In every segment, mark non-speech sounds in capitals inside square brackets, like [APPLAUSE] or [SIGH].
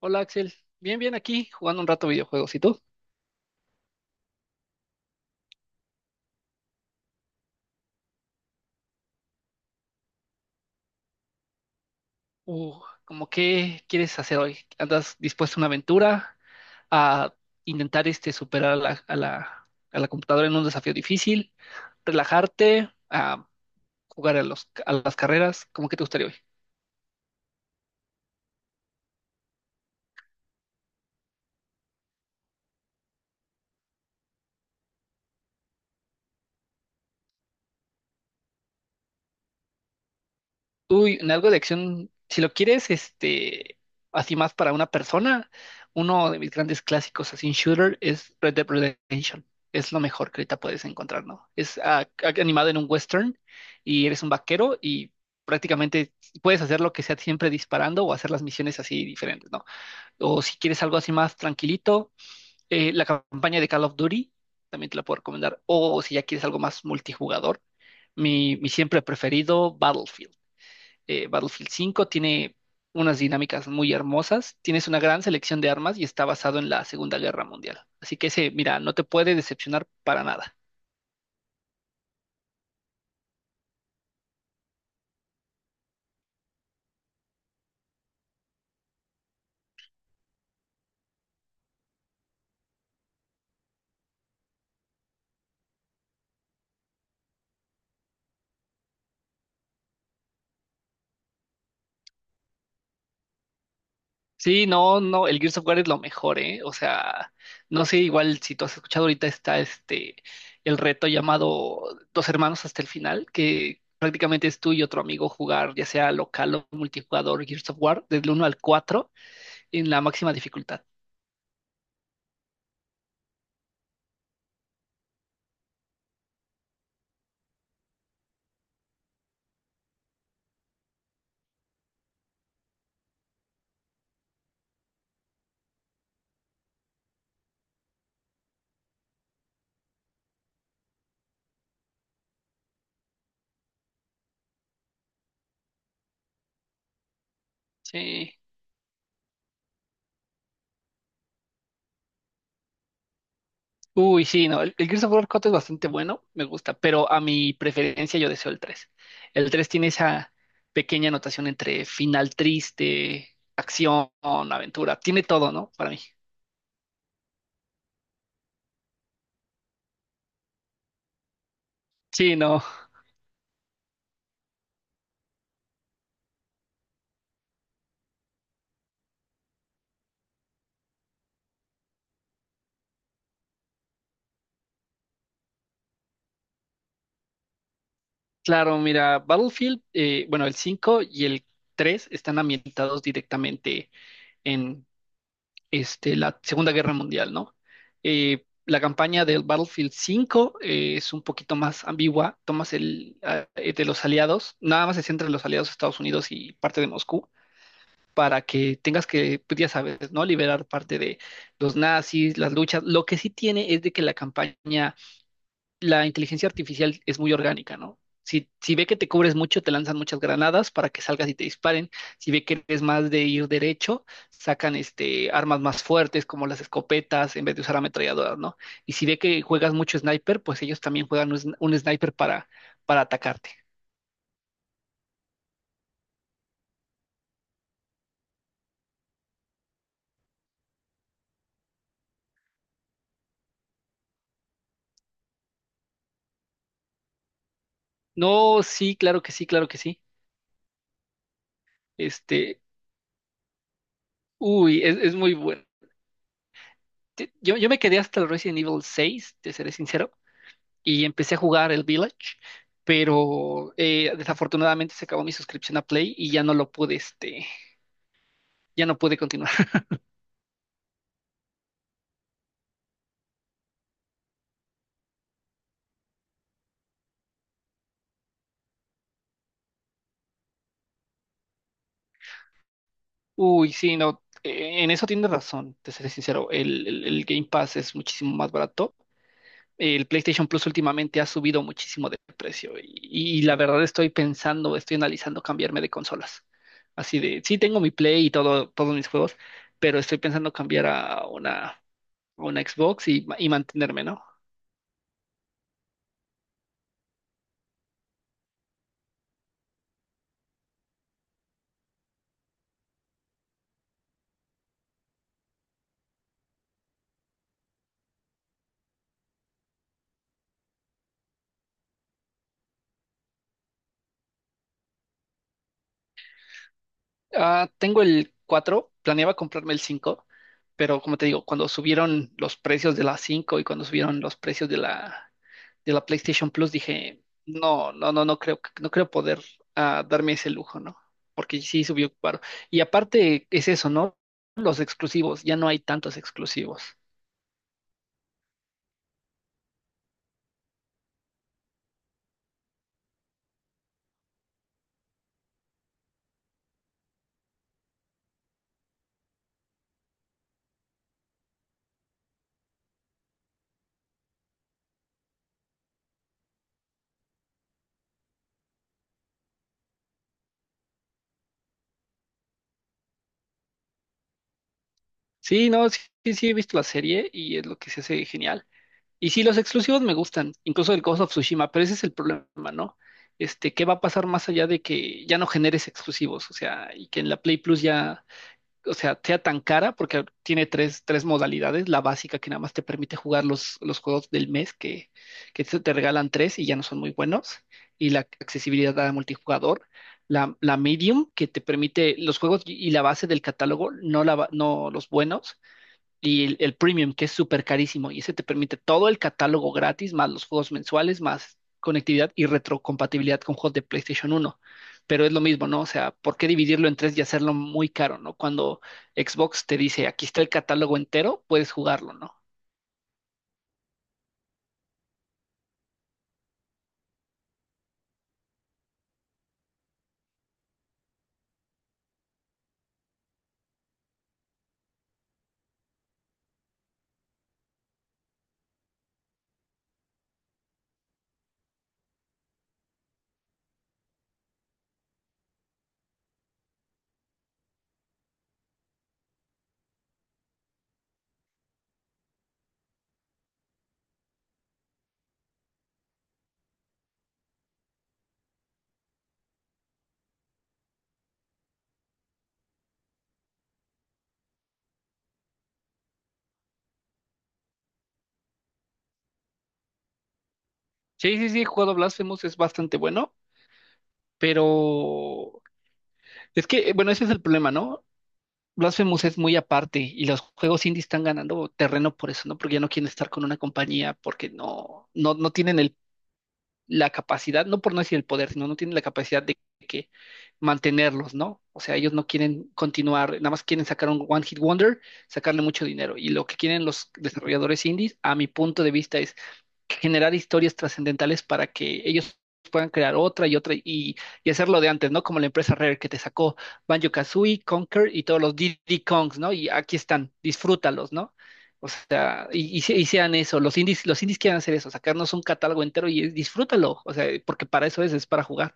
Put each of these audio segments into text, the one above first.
Hola Axel, bien, bien aquí jugando un rato videojuegos. ¿Y tú? Uh, ¿Cómo qué quieres hacer hoy? ¿Andas dispuesto a una aventura? ¿A intentar superar a la computadora en un desafío difícil? ¿Relajarte? ¿A jugar a las carreras? ¿Cómo que te gustaría hoy? Uy, en algo de acción, si lo quieres, así más para una persona, uno de mis grandes clásicos así en shooter es Red Dead Redemption. Es lo mejor que ahorita puedes encontrar, ¿no? Es animado en un western y eres un vaquero y prácticamente puedes hacer lo que sea siempre disparando o hacer las misiones así diferentes, ¿no? O si quieres algo así más tranquilito, la campaña de Call of Duty también te la puedo recomendar. O si ya quieres algo más multijugador, mi siempre preferido, Battlefield 5 tiene unas dinámicas muy hermosas, tienes una gran selección de armas y está basado en la Segunda Guerra Mundial. Así que ese, mira, no te puede decepcionar para nada. Sí, no, no, el Gears of War es lo mejor, ¿eh? O sea, no sé, igual si tú has escuchado ahorita está el reto llamado Dos Hermanos hasta el final, que prácticamente es tú y otro amigo jugar, ya sea local o multijugador, Gears of War, del uno al 4 en la máxima dificultad. Sí. Uy, sí, no, el Gears of War 4 es bastante bueno, me gusta, pero a mi preferencia yo deseo el tres. El 3 tiene esa pequeña anotación entre final triste, acción, aventura, tiene todo, ¿no? Para mí. Sí, no, claro, mira, bueno, el 5 y el 3 están ambientados directamente en la Segunda Guerra Mundial, ¿no? La campaña del Battlefield cinco es un poquito más ambigua, tomas el de los aliados, nada más se centra en los aliados de Estados Unidos y parte de Moscú, para que tengas que, pues, ya sabes, ¿no? Liberar parte de los nazis, las luchas. Lo que sí tiene es de que la campaña la inteligencia artificial es muy orgánica, ¿no? Si ve que te cubres mucho, te lanzan muchas granadas para que salgas y te disparen. Si ve que eres más de ir derecho, sacan armas más fuertes como las escopetas en vez de usar ametralladoras, ¿no? Y si ve que juegas mucho sniper, pues ellos también juegan un sniper para atacarte. No, sí, claro que sí, claro que sí. Este, uy, es muy bueno. Yo me quedé hasta el Resident Evil 6, te seré sincero, y empecé a jugar el Village, pero desafortunadamente se acabó mi suscripción a Play y ya no lo pude, ya no pude continuar. [LAUGHS] Uy, sí, no, en eso tienes razón, te seré sincero, el Game Pass es muchísimo más barato. El PlayStation Plus últimamente ha subido muchísimo de precio y la verdad estoy pensando, estoy analizando cambiarme de consolas. Así de, sí tengo mi Play y todo, todos mis juegos, pero estoy pensando cambiar a una Xbox y mantenerme, ¿no? Ah, tengo el cuatro, planeaba comprarme el cinco, pero como te digo, cuando subieron los precios de la 5 y cuando subieron los precios de la PlayStation Plus, dije, no, no, no, no creo, que- no creo poder darme ese lujo, ¿no? Porque sí subió caro. Y aparte es eso, ¿no? Los exclusivos, ya no hay tantos exclusivos. Sí, no, sí, sí, sí, he visto la serie y es lo que se hace genial. Y sí, los exclusivos me gustan, incluso el Ghost of Tsushima, pero ese es el problema, ¿no? ¿Qué va a pasar más allá de que ya no generes exclusivos? O sea, y que en la Play Plus ya, o sea, sea tan cara, porque tiene tres modalidades, la básica que nada más te permite jugar los juegos del mes, que, que te regalan tres y ya no son muy buenos, y la accesibilidad a multijugador, la medium, que te permite los juegos y la base del catálogo, no, no los buenos y el premium, que es súper carísimo, y ese te permite todo el catálogo gratis, más los juegos mensuales, más conectividad y retrocompatibilidad con juegos de PlayStation uno. Pero es lo mismo, ¿no? O sea, ¿por qué dividirlo en tres y hacerlo muy caro, ¿no? Cuando Xbox te dice, aquí está el catálogo entero, puedes jugarlo, ¿no? Sí, sí, sí, el juego Blasphemous es bastante bueno, pero es que, bueno, ese es el problema, ¿no? Blasphemous es muy aparte y los juegos indie están ganando terreno por eso, ¿no? Porque ya no quieren estar con una compañía porque no tienen el la capacidad, no por no decir el poder, sino no tienen la capacidad de que mantenerlos, ¿no? O sea, ellos no quieren continuar, nada más quieren sacar un One Hit Wonder, sacarle mucho dinero. Y lo que quieren los desarrolladores indies, a mi punto de vista, es generar historias trascendentales para que ellos puedan crear otra y otra y hacerlo de antes, ¿no? Como la empresa Rare que te sacó Banjo-Kazooie, Conker y todos los Diddy Kongs, ¿no? Y aquí están, disfrútalos, ¿no? O sea, y sean eso, los indies quieren hacer eso, sacarnos un catálogo entero y disfrútalo, o sea, porque para eso es para jugar.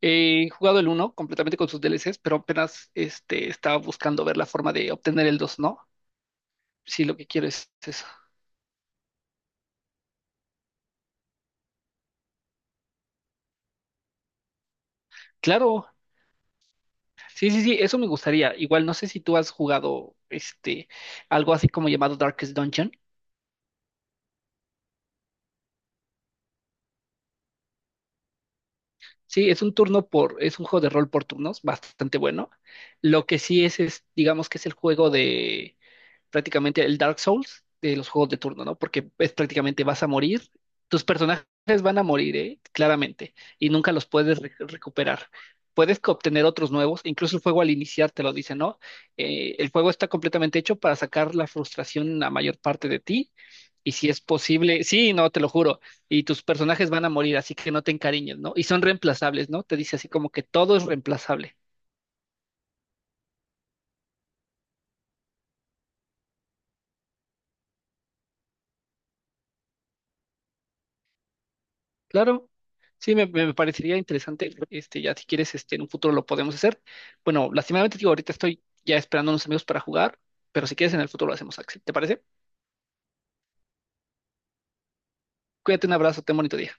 He jugado el uno completamente con sus DLCs, pero apenas estaba buscando ver la forma de obtener el dos, ¿no? Si lo que quiero es eso. Claro, sí, sí, sí, eso me gustaría. Igual no sé si tú has jugado algo así como llamado Darkest Dungeon. Sí, es un turno por, es un juego de rol por turnos, bastante bueno. Lo que sí es, digamos que es el juego de prácticamente el Dark Souls de los juegos de turno, ¿no? Porque es prácticamente vas a morir, tus personajes van a morir, ¿eh? Claramente, y nunca los puedes re- recuperar. Puedes co- obtener otros nuevos, incluso el juego al iniciar te lo dice, ¿no? El juego está completamente hecho para sacar la frustración la mayor parte de ti. Y si es posible, sí, no, te lo juro, y tus personajes van a morir, así que no te encariñes, ¿no? Y son reemplazables, ¿no? Te dice así como que todo es reemplazable. Claro, sí, me parecería interesante. Ya si quieres, en un futuro lo podemos hacer. Bueno, lastimadamente digo, ahorita estoy ya esperando a unos amigos para jugar, pero si quieres, en el futuro lo hacemos, Axel. ¿Te parece? Cuídate, un abrazo, ten bonito día.